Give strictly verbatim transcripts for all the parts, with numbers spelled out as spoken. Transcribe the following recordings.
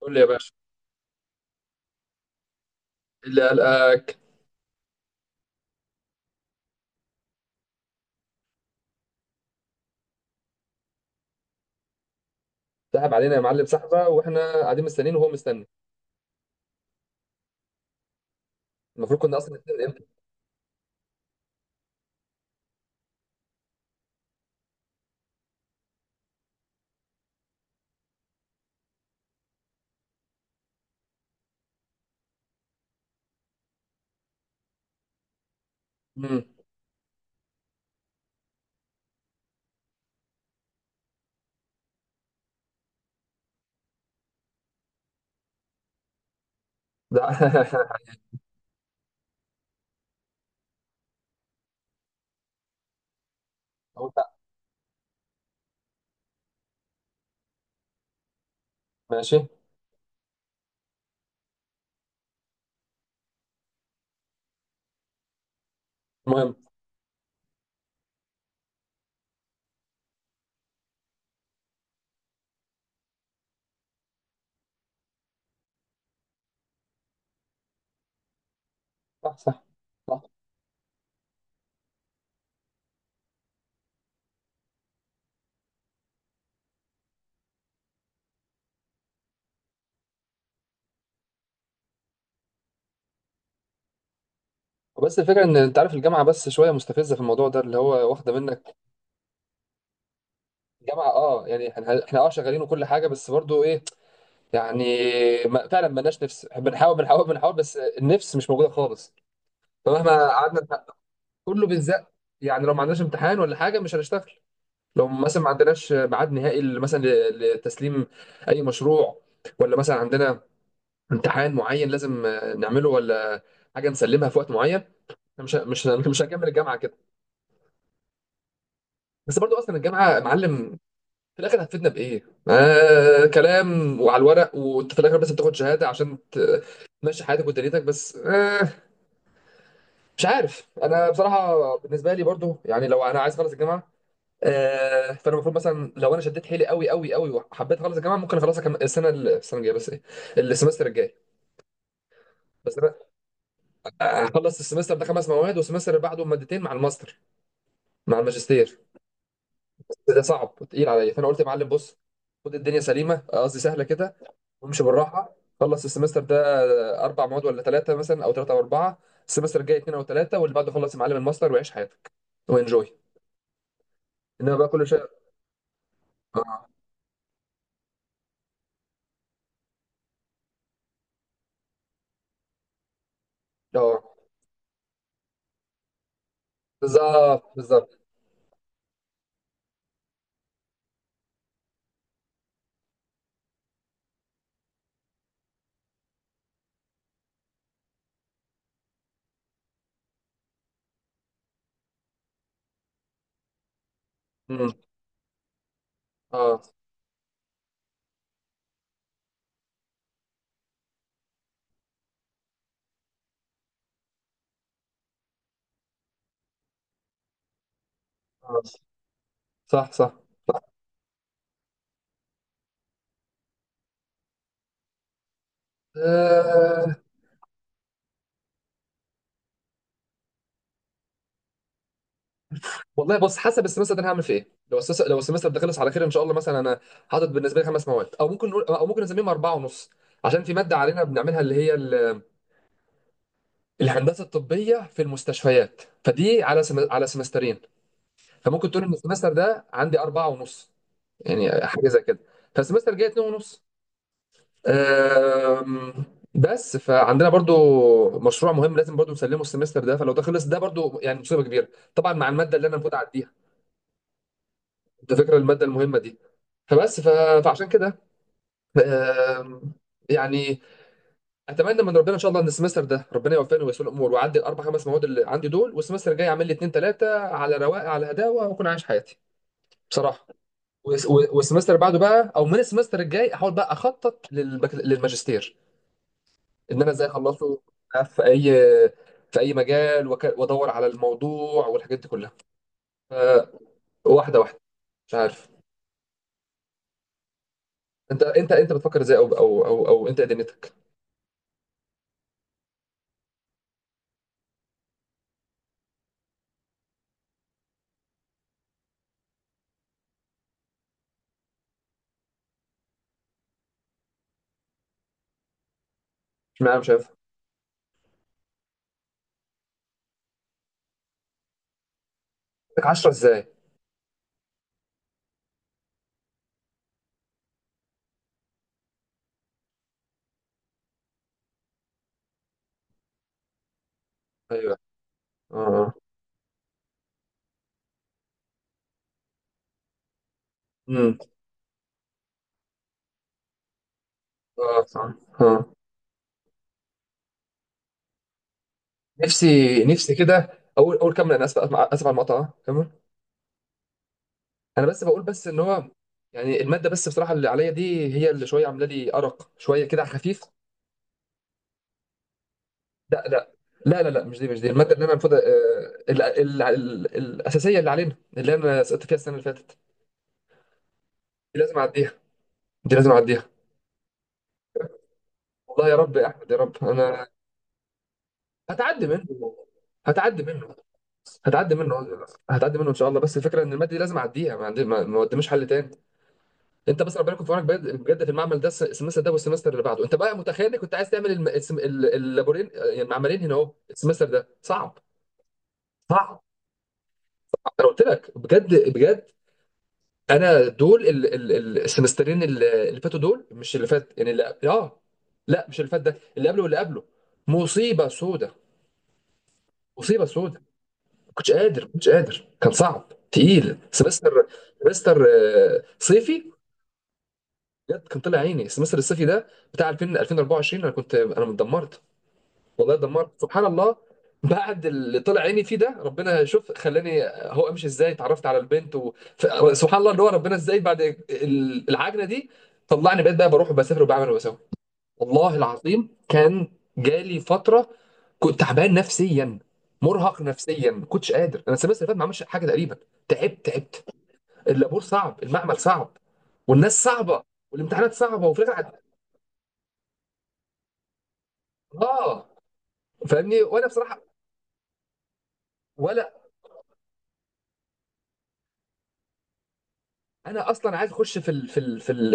قول لي يا باشا. إيه اللي قلقك؟ سحب علينا يا معلم، سحبه واحنا قاعدين مستنيين وهو مستني. المفروض كنا اصلا نستنى امتى؟ امم ده أقول لأ. ماشي. المهم، صح صح صح. بس الفكره ان انت عارف الجامعه بس شويه مستفزه في الموضوع ده اللي هو واخده منك. الجامعه اه، يعني احنا احنا اه شغالين وكل حاجه، بس برضو ايه يعني، ما فعلا مالناش نفس. بنحاول بنحاول بنحاول بس النفس مش موجوده خالص. فمهما قعدنا نح- كله بيزق. يعني لو ما عندناش امتحان ولا حاجه مش هنشتغل. لو مثلا ما عندناش ميعاد نهائي ل- مثلا ل- لتسليم اي مشروع، ولا مثلا عندنا امتحان معين لازم آه، نعمله، ولا حاجه نسلمها في وقت معين، إحنا مش مش مش هنكمل الجامعه كده. بس برضو اصلا الجامعه معلم، في الاخر هتفيدنا بايه؟ آه كلام وعلى الورق، وانت في الاخر بس بتاخد شهاده عشان ت- تمشي حياتك ودنيتك، بس آه مش عارف، انا بصراحه بالنسبه لي برضو يعني لو انا عايز اخلص الجامعه، آه، فانا المفروض مثلا لو انا شديت حيلي قوي قوي قوي وحبيت اخلص الجامعه ممكن اخلصها كم... السنه ال- السنه الجايه، بس ايه، السمستر الجاي. بس انا اخلص السمستر ده خمس مواد، والسمستر اللي بعده مادتين مع الماستر، مع الماجستير، ده صعب وتقيل عليا. فانا قلت يا معلم بص، خد الدنيا سليمه، قصدي سهله كده، وامشي بالراحه. خلص السمستر ده اربع مواد ولا ثلاثه، مثلا او ثلاثه او اربعه، السمستر الجاي اثنين او ثلاثه، واللي بعده خلص يا معلم الماستر وعيش حياتك وانجوي. انما بقى كل شيء. اه اه، بالظبط بالظبط. مم. اه اه، صح صح صح. أه... والله بص، حسب السمستر ده انا هعمل فيه ايه. لو السس... لو السمستر ده خلص على خير ان شاء الله، مثلا انا حاطط بالنسبه لي خمس مواد، او ممكن نقول او ممكن نسميهم اربعه ونص، عشان في ماده علينا بنعملها اللي هي ال... الهندسه الطبيه في المستشفيات، فدي على سم... على سمسترين. فممكن تقول ان السمستر ده عندي اربعه ونص، يعني حاجه زي كده. فالسمستر الجاي اتنين ونص. أم... بس فعندنا برضو مشروع مهم لازم برضو نسلمه السمستر ده، فلو ده خلص ده برضو يعني مصيبه كبيره، طبعا مع الماده اللي انا المفروض اعديها، انت فاكر الماده المهمه دي. فبس ف- فعشان كده آم، يعني اتمنى من ربنا ان شاء الله ان السمستر ده ربنا يوفقني ويسر الامور واعدي الاربع خمس مواد اللي عندي دول، والسمستر الجاي اعمل لي اتنين تلاته على رواقه على هداوه، واكون عايش حياتي بصراحه. والس- والسمستر بعده بقى، او من السمستر الجاي احاول بقى اخطط للبك... للماجستير، ان انا ازاي اخلصه، في اي في اي مجال، وك... وادور على الموضوع والحاجات دي كلها. ف- واحده واحده، مش عارف. انت انت انت بتفكر ازاي او او او, أو انت إيه دنيتك؟ اشمعنى مش شايفها لك عشرة ازاي؟ ايوه. اه اه، امم. اه صح، اه نفسي نفسي كده اقول. اقول كمل، انا اسف اسف على المقطع، كمل. انا بس بقول بس ان هو يعني الماده بس بصراحه اللي عليا دي، هي اللي شويه عامله لي ارق شويه كده على خفيف. لا لا، لا لا لا مش دي، مش دي الماده اللي انا المفروض آه، ال- ال- ال- الاساسيه اللي علينا اللي انا سقطت فيها السنه اللي فاتت. دي لازم اعديها، دي لازم اعديها. والله يا رب، يا احمد يا رب انا. هتعدي منه، هتعدي منه، هتعدي منه، هتعدي منه ان شاء الله. بس الفكره ان الماده دي لازم اعديها، ما عندي ما ما قداميش حل تاني. انت مثلا ربنا يكون في عونك بجد بجد في المعمل ده الس- السمستر ده والسمستر اللي بعده. انت بقى متخيل انك كنت عايز تعمل الم- السم- ال- اللابورين، يعني المعملين هنا اهو. السمستر ده صعب، صعب. انا قلت لك بجد بجد، انا دول ال- ال- ال- السمسترين اللي اللي فاتوا دول، مش اللي فات يعني، اللي اه، لا مش اللي فات، ده اللي قبله واللي قبله. مصيبه سودة، مصيبه سودة. كنتش قادر، كنتش قادر، كان صعب تقيل سمستر، سمستر آه، صيفي. بجد كان طلع عيني السمستر الصيفي ده بتاع ألفين ألفين واربعة وعشرين. انا كنت انا اتدمرت، والله اتدمرت سبحان الله. بعد اللي طلع عيني فيه ده ربنا شوف خلاني هو امشي ازاي، اتعرفت على البنت و... ف- سبحان الله، اللي هو ربنا ازاي بعد ال- العجنه دي طلعني، بقيت بقى بروح وبسافر وبعمل وبسوي. والله العظيم كان جالي فتره كنت تعبان نفسيا، مرهق نفسيا، ما كنتش قادر. انا السمستر اللي فات ما عملش حاجه تقريبا. تعبت تعبت. اللابور صعب، المعمل صعب، والناس صعبه، والامتحانات صعبه، وفي الاخر عد- اه فاهمني. وانا بصراحه، ولا انا اصلا عايز اخش في ال... في ال... في ال...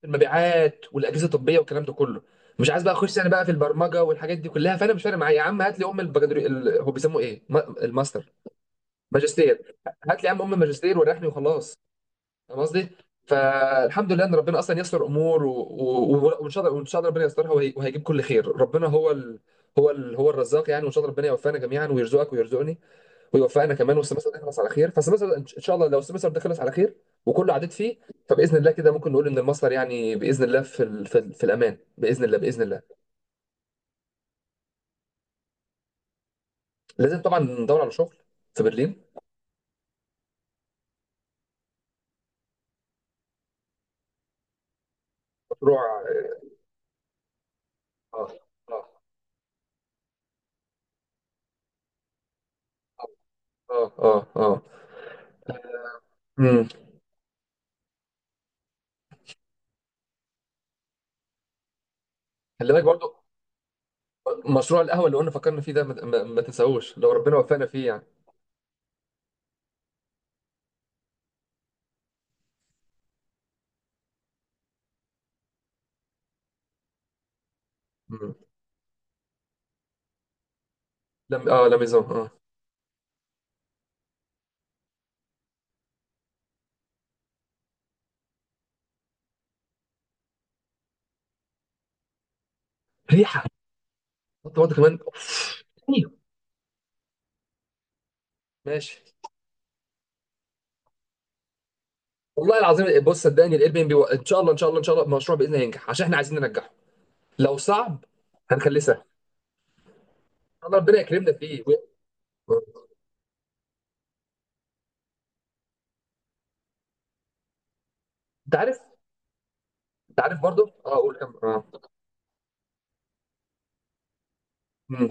في المبيعات والاجهزه الطبيه والكلام ده كله، مش عايز بقى اخش انا بقى في البرمجه والحاجات دي كلها. فانا مش فارق معايا يا عم، هات لي ام البكالوريوس ال... هو بيسموه ايه؟ ما- الماستر ماجستير، هات لي يا عم ام الماجستير وريحني وخلاص، فاهم قصدي؟ فالحمد لله ان ربنا اصلا يسر امور و- و- وان شاء الله، وان شاء الله ربنا يسترها وهي- وهيجيب كل خير. ربنا هو ال... هو ال... هو الرزاق يعني، وان شاء الله ربنا يوفقنا جميعا ويرزقك ويرزقني ويوفقنا كمان، والسمستر ده يخلص على خير. فالسمستر ان شاء الله لو السمستر ده خلص على خير وكله عديت فيه، فباذن الله كده ممكن نقول ان المصدر يعني باذن الله في ال... في, ال... في الامان باذن الله باذن الله. لازم طبعا ندور على شغل في برلين. مشروع، اه اه اه اه اه، امم. خلي بالك برضه، مشروع القهوه اللي قلنا فكرنا فيه ده ما, ما, ما تنساهوش، لو ربنا وفقنا فيه يعني. مم. لم، اه لميزون اه. ريحه. حط برضه كمان. أيوه. ماشي. والله العظيم بص، صدقني الاير بي ام بي ان شاء الله ان شاء الله ان شاء الله المشروع باذن الله ينجح، عشان احنا عايزين ننجحه. لو صعب هنخليه سهل ان شاء الله ربنا يكرمنا فيه و... آه. انت عارف، انت عارف برضه اه، قول كم اه. مم.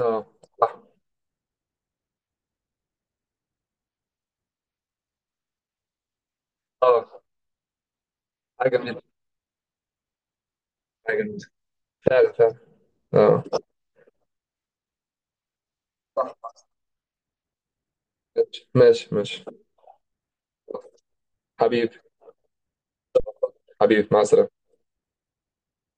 اه صح. اه، حاجه جميله، حاجه جميله، فعلا فعلا. اه صح. ماشي ماشي ماشي. حبيبي، حبيبي مع السلامه.